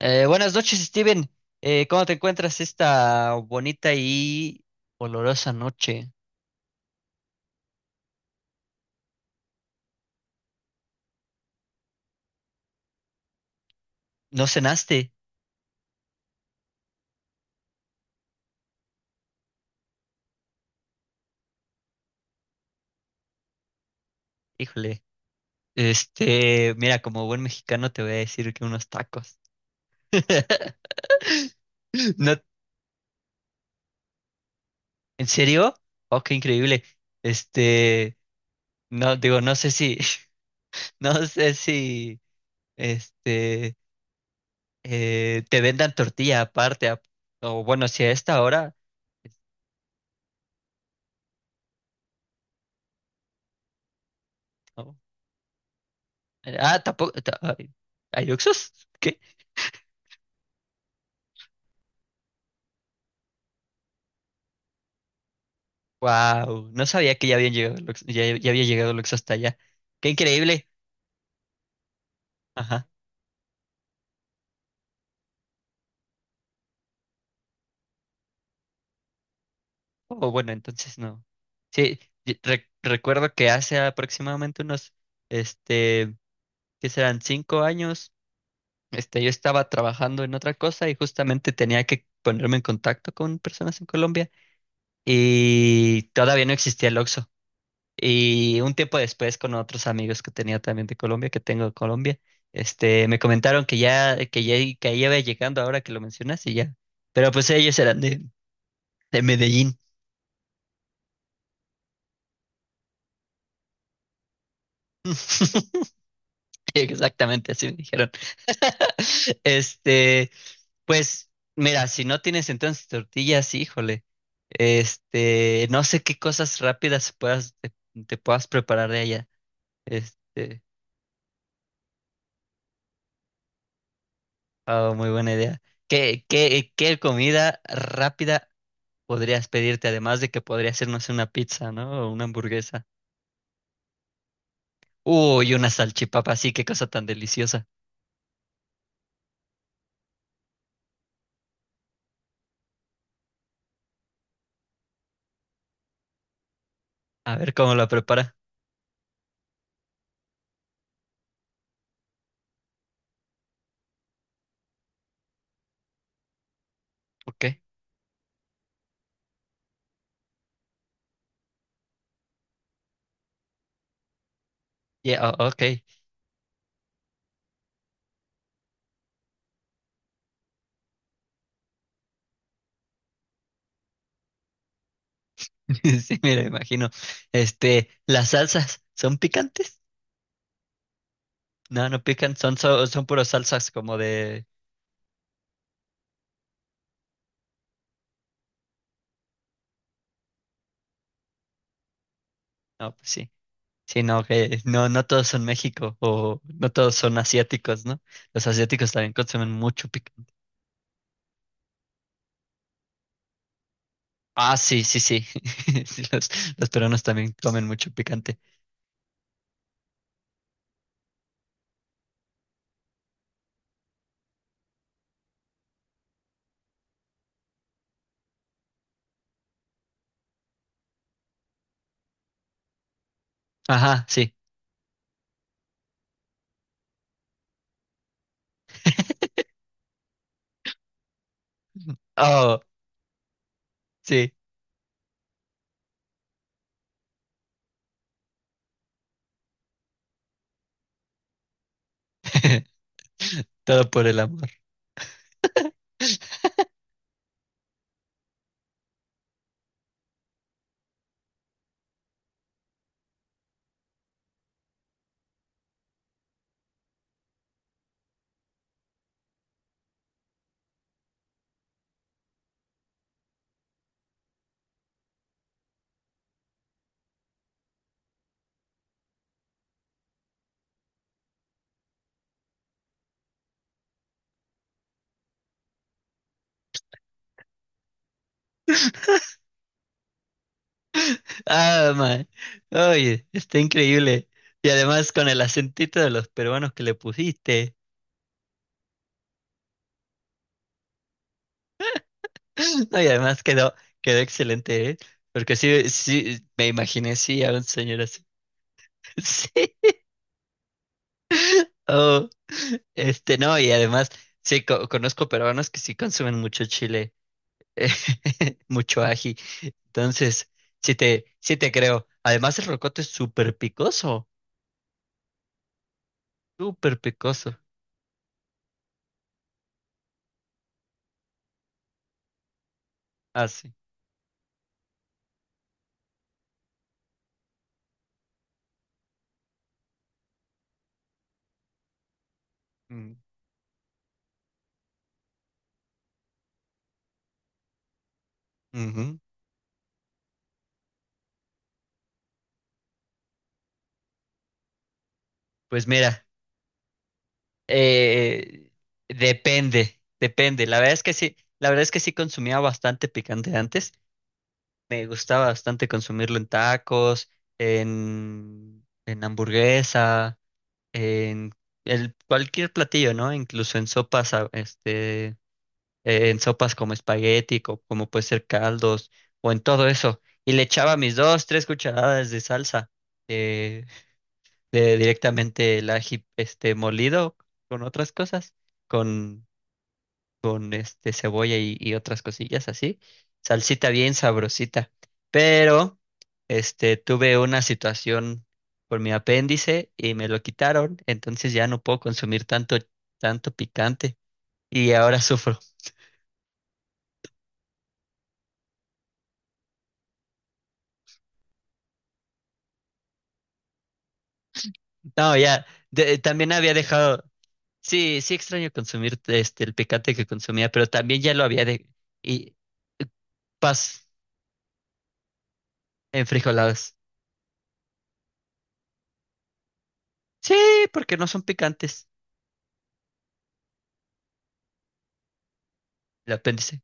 Buenas noches, Steven. ¿Cómo te encuentras esta bonita y olorosa noche? ¿No cenaste? Híjole. Mira, como buen mexicano te voy a decir que unos tacos. No, ¿en serio? Oh, qué increíble. Este, no, digo, no sé si, no sé si, este, te vendan tortilla aparte, o bueno, si a esta hora. No. Ah, tampoco. Ay, ¿hay Oxxos? Wow, no sabía que ya habían llegado Lux- ya, ya había llegado Lux hasta allá. Qué increíble. Ajá. Oh, bueno, entonces no. Sí, y recuerdo que hace aproximadamente unos, este, ¿qué serán? 5 años, yo estaba trabajando en otra cosa y justamente tenía que ponerme en contacto con personas en Colombia y todavía no existía el Oxxo. Y un tiempo después, con otros amigos que tenía también de Colombia, que tengo de Colombia, me comentaron que ahí iba llegando ahora que lo mencionas y ya. Pero pues ellos eran de Medellín. Exactamente, así me dijeron. Este, pues, Mira, si no tienes entonces tortillas, híjole, no sé qué cosas rápidas te puedas preparar de allá. Este, ah, muy buena idea. ¿Qué comida rápida podrías pedirte, además de que podría hacernos una pizza, ¿no? O una hamburguesa. Uy, una salchipapa, sí, qué cosa tan deliciosa. A ver cómo la prepara. Ok. Yeah, ok. Sí, me la imagino. Las salsas, ¿son picantes? No, no pican, son puras salsas como de. No, pues sí. Sí, no, que no, no todos son México o no todos son asiáticos, ¿no? Los asiáticos también consumen mucho picante. Ah, sí, sí, sí. Sí, los, los peruanos también comen mucho picante. Ajá, sí. Oh, sí. Todo por el amor. Ah, man. Oye, está increíble. Y además con el acentito de los peruanos que le pusiste. No, y además quedó excelente, ¿eh? Porque sí, sí, me imaginé, sí, a un señor así. Sí. Oh, no, y además, sí, conozco peruanos que sí consumen mucho chile, mucho ají. Entonces, sí te creo. Además, el rocoto es súper picoso. Súper pecoso. Ah, sí. Mm, ujú. Pues mira, eh, depende. La verdad es que sí, la verdad es que sí consumía bastante picante antes. Me gustaba bastante consumirlo en tacos, en hamburguesa, en el, cualquier platillo, ¿no? Incluso en sopas, en sopas como espagueti, como puede ser caldos, o en todo eso. Y le echaba mis dos, tres cucharadas de salsa. eh, Directamente el ají este molido con otras cosas, con, con este cebolla y otras cosillas así. Salsita bien sabrosita. Pero tuve una situación con mi apéndice y me lo quitaron, entonces ya no puedo consumir tanto picante y ahora sufro. No, ya también había dejado. Sí, sí extraño consumir este el picante que consumía, pero también ya lo había de y paz en frijoladas. Sí, porque no son picantes. El apéndice.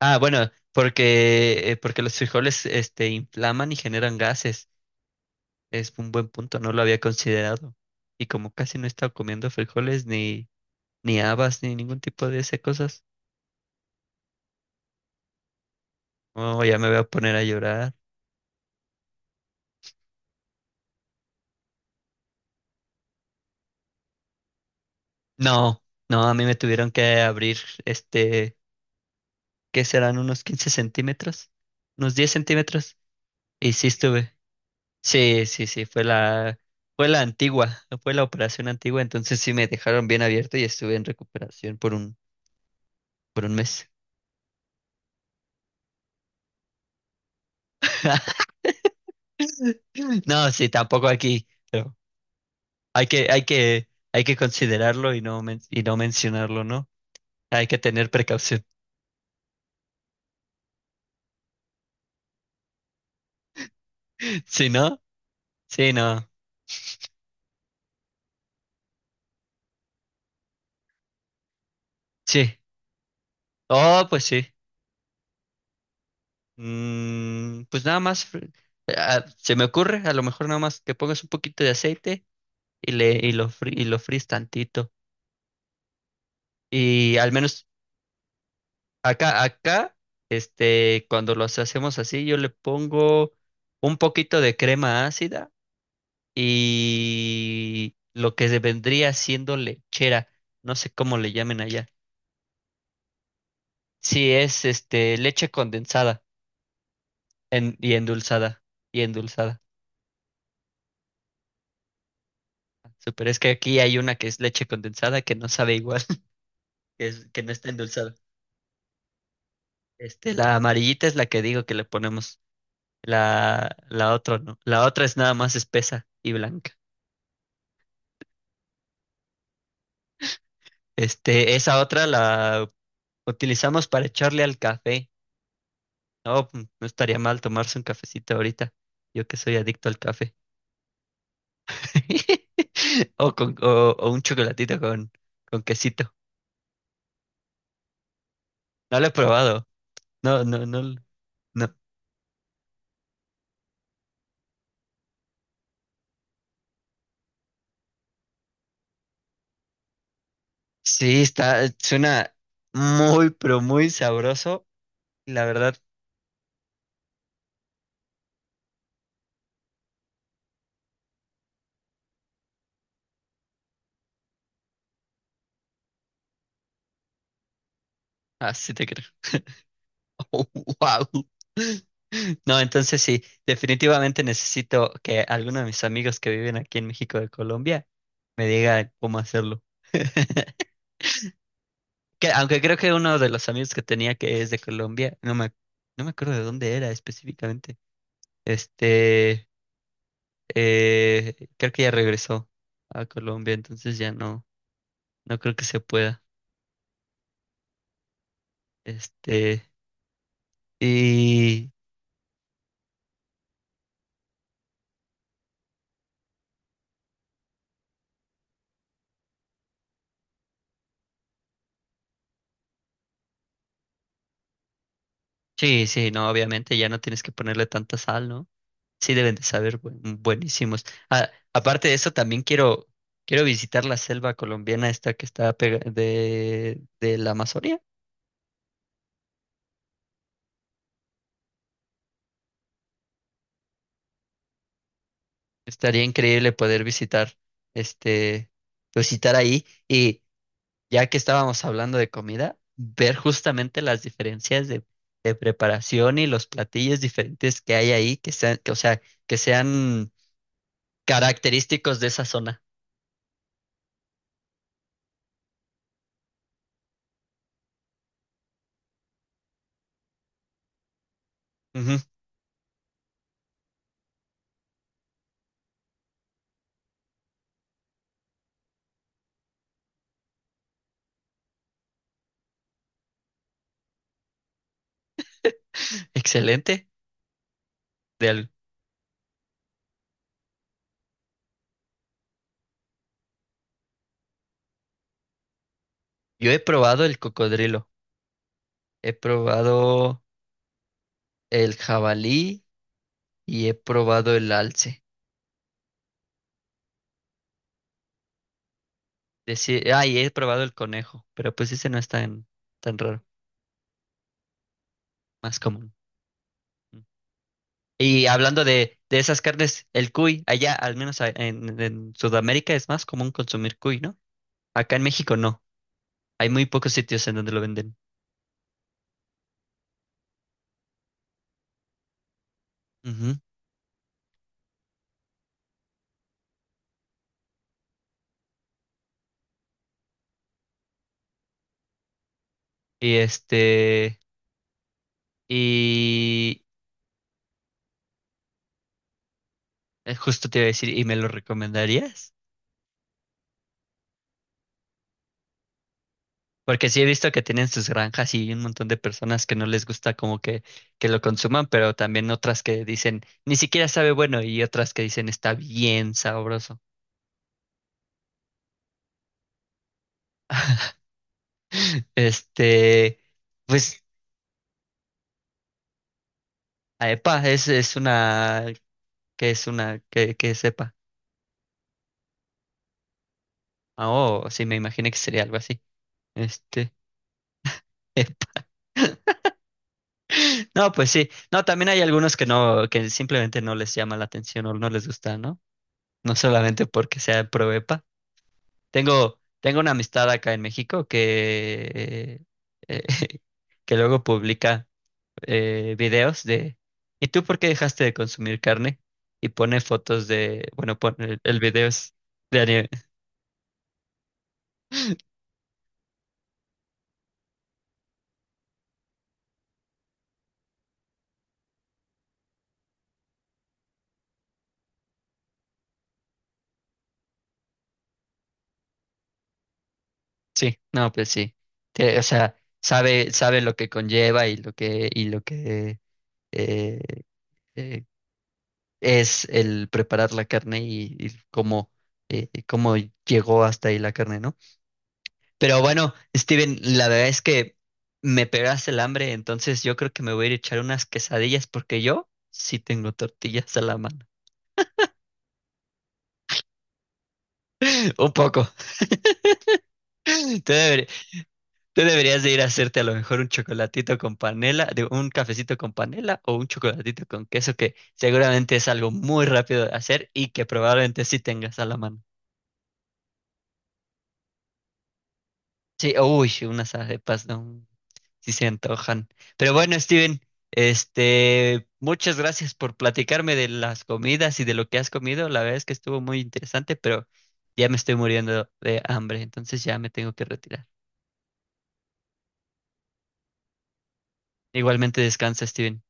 Ah, bueno, porque los frijoles, inflaman y generan gases. Es un buen punto, no lo había considerado. Y como casi no he estado comiendo frijoles, ni habas, ni ningún tipo de esas cosas. Oh, ya me voy a poner a llorar. No, no, a mí me tuvieron que abrir, este, ¿qué serán? Unos 15 centímetros, unos 10 centímetros. Y sí estuve. Sí, sí, sí, fue la antigua, fue la operación antigua, entonces sí me dejaron bien abierto y estuve en recuperación por un, por 1 mes. No, sí, tampoco aquí, pero hay que, hay que, hay que considerarlo y y no mencionarlo, ¿no? Hay que tener precaución. Si no, sí, no, sí. Oh, pues sí. Mm, pues nada más, fr- ah, se me ocurre, a lo mejor nada más que pongas un poquito de aceite y le, y lo, fri- y lo fríes tantito. Y al menos acá, cuando los hacemos así, yo le pongo un poquito de crema ácida y lo que se vendría siendo lechera, no sé cómo le llamen allá. Sí, es este leche condensada en- y endulzada y endulzada. Super, es que aquí hay una que es leche condensada que no sabe igual, que es, que no está endulzada. Este, la amarillita es la que digo que le ponemos. La otra no. La otra es nada más espesa y blanca. Este, esa otra la utilizamos para echarle al café. No, mm, no estaría mal tomarse un cafecito ahorita. Yo que soy adicto al café. O un chocolatito con quesito. No lo he probado. No, no, no, l- no. Sí, está, suena muy, pero muy sabroso. La verdad, así te creo. Wow. No, entonces sí, definitivamente necesito que alguno de mis amigos que viven aquí en México de Colombia me diga cómo hacerlo. Que, aunque creo que uno de los amigos que tenía que es de Colombia, no me acuerdo de dónde era específicamente. Este, Creo que ya regresó a Colombia, entonces no creo que se pueda. Este, y sí, sí, no, obviamente ya no tienes que ponerle tanta sal, ¿no? Sí deben de saber buenísimos. Ah, aparte de eso, también quiero visitar la selva colombiana esta que está de la Amazonia. Estaría increíble poder este, visitar ahí y ya que estábamos hablando de comida, ver justamente las diferencias de preparación y los platillos diferentes que hay ahí, que sean, que, o sea, que sean característicos de esa zona. Ujú. Excelente. Del- yo he probado el cocodrilo, he probado el jabalí y he probado el alce. Y he probado el conejo, pero pues ese no es tan raro, más común. Y hablando de esas carnes, el cuy, allá, al menos en Sudamérica, es más común consumir cuy, ¿no? Acá en México no. Hay muy pocos sitios en donde lo venden. Ujú. Y este, y Justo te iba a decir, ¿y me lo recomendarías? Porque sí he visto que tienen sus granjas y un montón de personas que no les gusta como que lo consuman, pero también otras que dicen, ni siquiera sabe bueno, y otras que dicen, está bien sabroso. Este, pues... Aepa, es una, que sepa. Ah, oh, sí, me imaginé que sería algo así. Este, no, pues sí. No, también hay algunos que no, que simplemente no les llama la atención o no les gusta, ¿no? No solamente porque sea proepa. Tengo, tengo una amistad acá en México que, eh, que luego publica videos de ¿y tú por qué dejaste de consumir carne? Y pone fotos de, bueno, pone, el video es de anime. Sí, no, pues sí. Te- o sea, Sabe, sabe lo que conlleva y lo que, eh, eh, es el preparar la carne y cómo llegó hasta ahí la carne, ¿no? Pero bueno, Steven, la verdad es que me pegaste el hambre, entonces yo creo que me voy a ir a echar unas quesadillas porque yo sí tengo tortillas a la mano. Un poco. Entonces, tú deberías de ir a hacerte a lo mejor un chocolatito con panela, digo, un cafecito con panela o un chocolatito con queso, que seguramente es algo muy rápido de hacer y que probablemente sí tengas a la mano. Sí, uy, unas arepas, no, sí se antojan. Pero bueno, Steven, muchas gracias por platicarme de las comidas y de lo que has comido. La verdad es que estuvo muy interesante, pero ya me estoy muriendo de hambre, entonces ya me tengo que retirar. Igualmente descansa, Steven.